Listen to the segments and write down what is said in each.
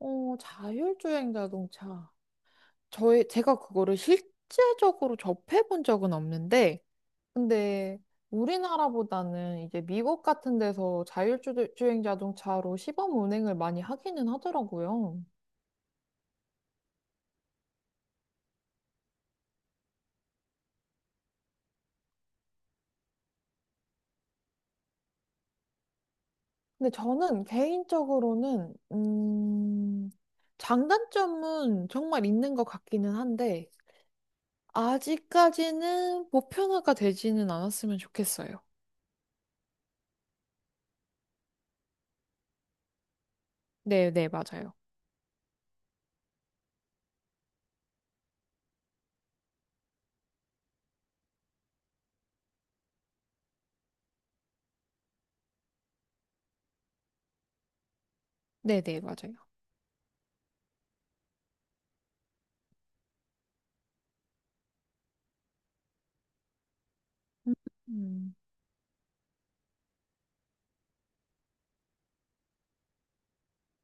자율주행 자동차. 제가 그거를 실제적으로 접해본 적은 없는데, 근데 우리나라보다는 이제 미국 같은 데서 자율주행 자동차로 시범 운행을 많이 하기는 하더라고요. 근데 저는 개인적으로는, 장단점은 정말 있는 것 같기는 한데, 아직까지는 보편화가 되지는 않았으면 좋겠어요. 네, 네, 맞아요. 네, 네, 맞아요. 음.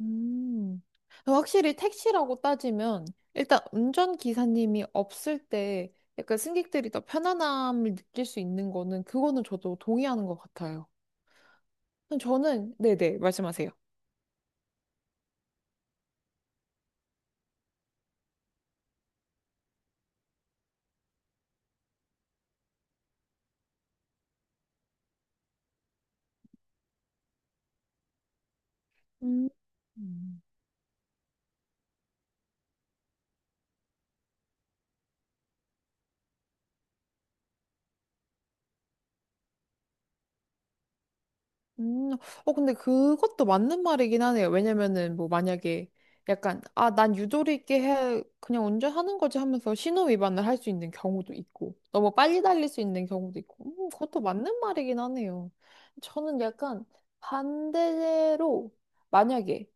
음. 확실히 택시라고 따지면 일단 운전기사님이 없을 때 약간 승객들이 더 편안함을 느낄 수 있는 거는 그거는 저도 동의하는 것 같아요. 저는 네네 말씀하세요. 음. 음. 음, 근데 그것도 맞는 말이긴 하네요. 왜냐면은, 뭐, 만약에 약간, 아, 난 유도리 있게 해, 그냥 운전하는 거지 하면서 신호 위반을 할 수 있는 경우도 있고, 너무 빨리 달릴 수 있는 경우도 있고, 그것도 맞는 말이긴 하네요. 저는 약간 반대로, 만약에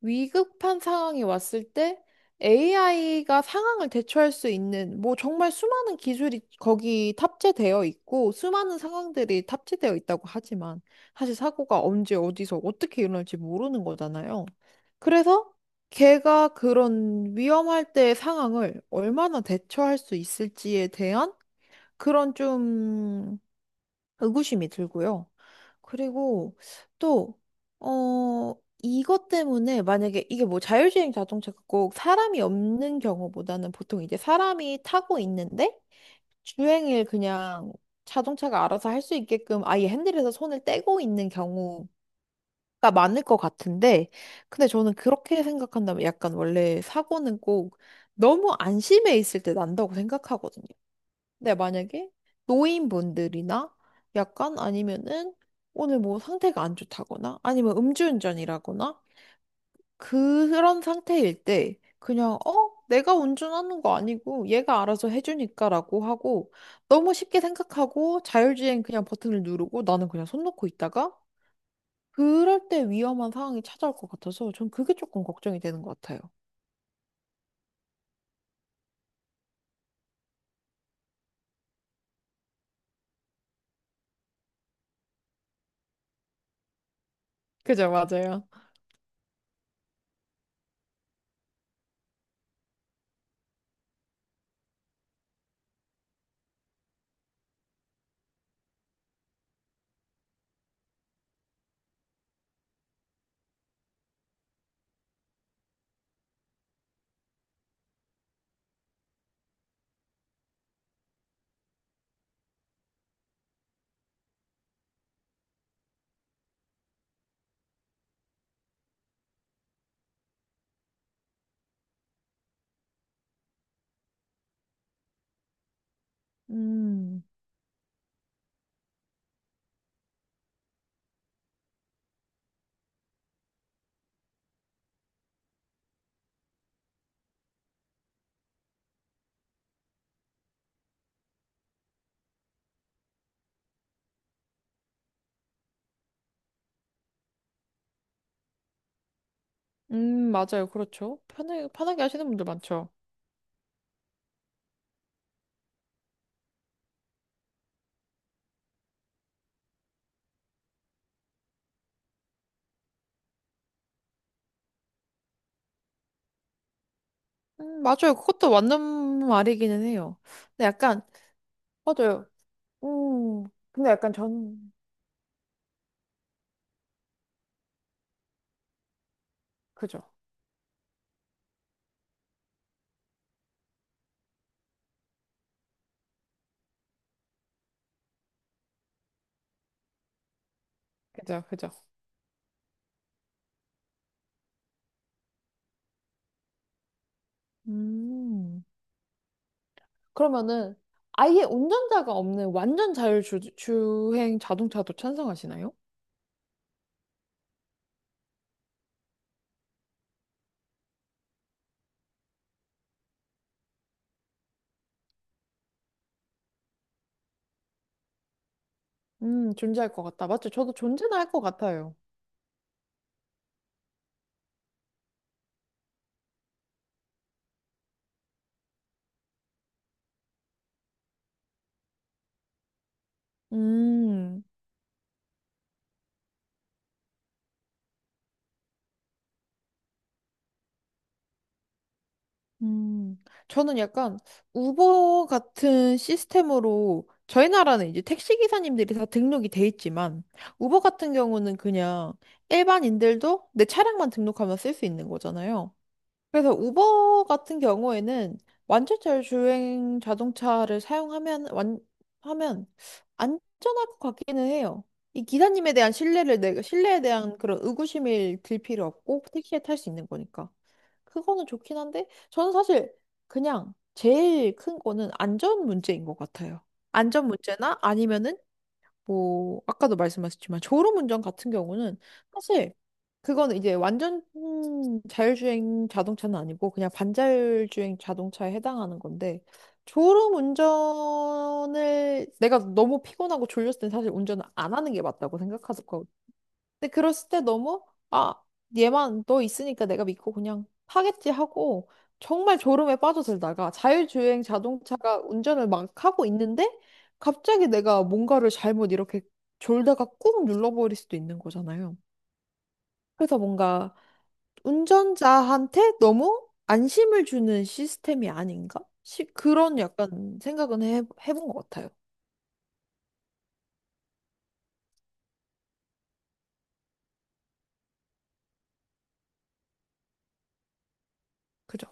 위급한 상황이 왔을 때 AI가 상황을 대처할 수 있는 뭐 정말 수많은 기술이 거기 탑재되어 있고 수많은 상황들이 탑재되어 있다고 하지만 사실 사고가 언제 어디서 어떻게 일어날지 모르는 거잖아요. 그래서 걔가 그런 위험할 때의 상황을 얼마나 대처할 수 있을지에 대한 그런 좀 의구심이 들고요. 그리고 또, 어, 이것 때문에 만약에 이게 뭐 자율주행 자동차가 꼭 사람이 없는 경우보다는 보통 이제 사람이 타고 있는데 주행을 그냥 자동차가 알아서 할 수 있게끔 아예 핸들에서 손을 떼고 있는 경우가 많을 것 같은데 근데 저는 그렇게 생각한다면 약간 원래 사고는 꼭 너무 안심해 있을 때 난다고 생각하거든요. 네, 만약에 노인분들이나 약간 아니면은 오늘 뭐 상태가 안 좋다거나 아니면 음주운전이라거나 그런 상태일 때 그냥 어? 내가 운전하는 거 아니고 얘가 알아서 해주니까라고 하고 너무 쉽게 생각하고 자율주행 그냥 버튼을 누르고 나는 그냥 손 놓고 있다가 그럴 때 위험한 상황이 찾아올 것 같아서 전 그게 조금 걱정이 되는 것 같아요. 그죠, 맞아요. 음, 맞아요. 그렇죠. 편하게, 편하게 하시는 분들 많죠. 맞아요. 그것도 맞는 말이기는 해요. 근데 약간, 맞아요. 음, 근데 약간 그죠. 그죠, 그죠. 음, 그러면은 아예 운전자가 없는 완전 자율주행 자동차도 찬성하시나요? 존재할 것 같다. 맞죠? 저도 존재는 할 것 같아요. 음. 음, 저는 약간 우버 같은 시스템으로 저희 나라는 이제 택시 기사님들이 다 등록이 돼 있지만 우버 같은 경우는 그냥 일반인들도 내 차량만 등록하면 쓸 수 있는 거잖아요. 그래서 우버 같은 경우에는 완전자율 주행 자동차를 사용하면 완 하면 안전할 것 같기는 해요. 이 기사님에 대한 신뢰를 내가 신뢰에 대한 그런 의구심을 들 필요 없고 택시에 탈 수 있는 거니까. 그거는 좋긴 한데, 저는 사실 그냥 제일 큰 거는 안전 문제인 것 같아요. 안전 문제나 아니면은 뭐, 아까도 말씀하셨지만 졸음운전 같은 경우는 사실 그거는 이제 완전 자율주행 자동차는 아니고 그냥 반자율주행 자동차에 해당하는 건데, 졸음운전을 내가 너무 피곤하고 졸렸을 땐 사실 운전을 안 하는 게 맞다고 생각하거든요. 근데 그랬을 때 너무 아 얘만 너 있으니까 내가 믿고 그냥 하겠지 하고 정말 졸음에 빠져들다가 자율주행 자동차가 운전을 막 하고 있는데 갑자기 내가 뭔가를 잘못 이렇게 졸다가 꾹 눌러버릴 수도 있는 거잖아요. 그래서 뭔가 운전자한테 너무 안심을 주는 시스템이 아닌가? 그런 약간 생각은 해본 것 같아요. 그죠?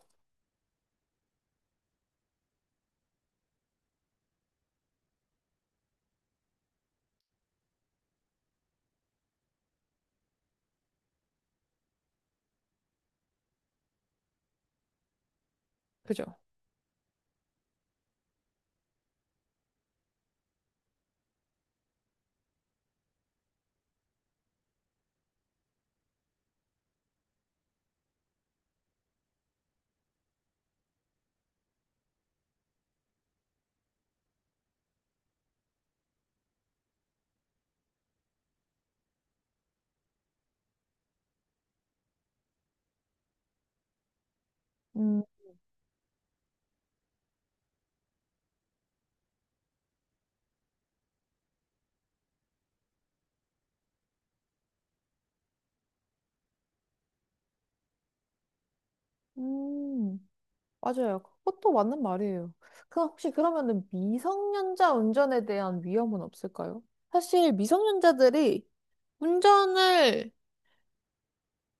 그죠? 음. 음. 맞아요. 그것도 맞는 말이에요. 그 혹시 그러면은 미성년자 운전에 대한 위험은 없을까요? 사실 미성년자들이 운전을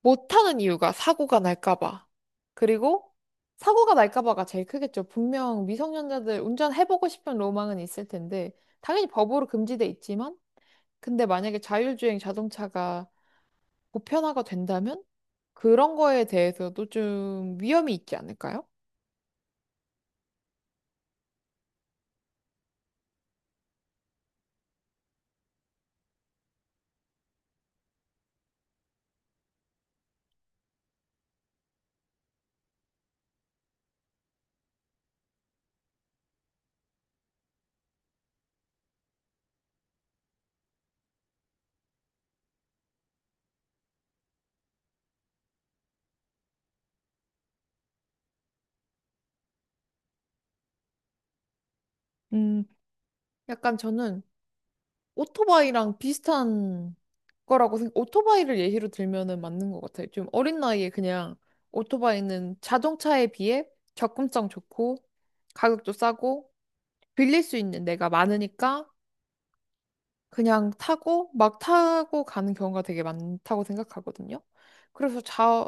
못하는 이유가 사고가 날까봐. 그리고 사고가 날까봐가 제일 크겠죠. 분명 미성년자들 운전해보고 싶은 로망은 있을 텐데, 당연히 법으로 금지돼 있지만, 근데 만약에 자율주행 자동차가 보편화가 된다면, 그런 거에 대해서도 좀 위험이 있지 않을까요? 음, 약간 저는 오토바이랑 비슷한 거라고 생각, 오토바이를 예시로 들면은 맞는 것 같아요. 좀 어린 나이에 그냥 오토바이는 자동차에 비해 접근성 좋고 가격도 싸고 빌릴 수 있는 데가 많으니까 그냥 타고 막 타고 가는 경우가 되게 많다고 생각하거든요. 그래서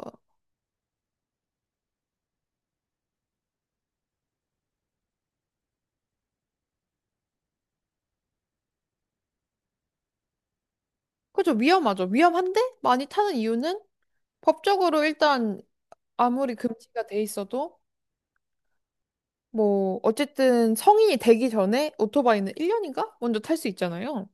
그죠. 위험하죠. 위험한데 많이 타는 이유는 법적으로 일단 아무리 금지가 돼 있어도 뭐, 어쨌든 성인이 되기 전에 오토바이는 1년인가? 먼저 탈 수 있잖아요.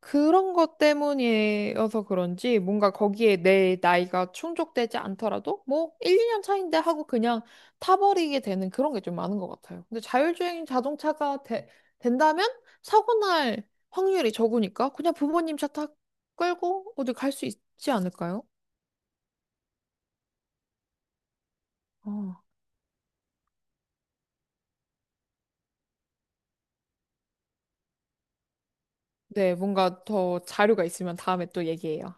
그런 것 때문이어서 그런지 뭔가 거기에 내 나이가 충족되지 않더라도 뭐 1, 2년 차인데 하고 그냥 타버리게 되는 그런 게 좀 많은 것 같아요. 근데 자율주행 자동차가 된다면 사고 날 확률이 적으니까 그냥 부모님 차 타 끌고 어디 갈 수 있지 않을까요? 어. 네, 뭔가 더 자료가 있으면 다음에 또 얘기해요.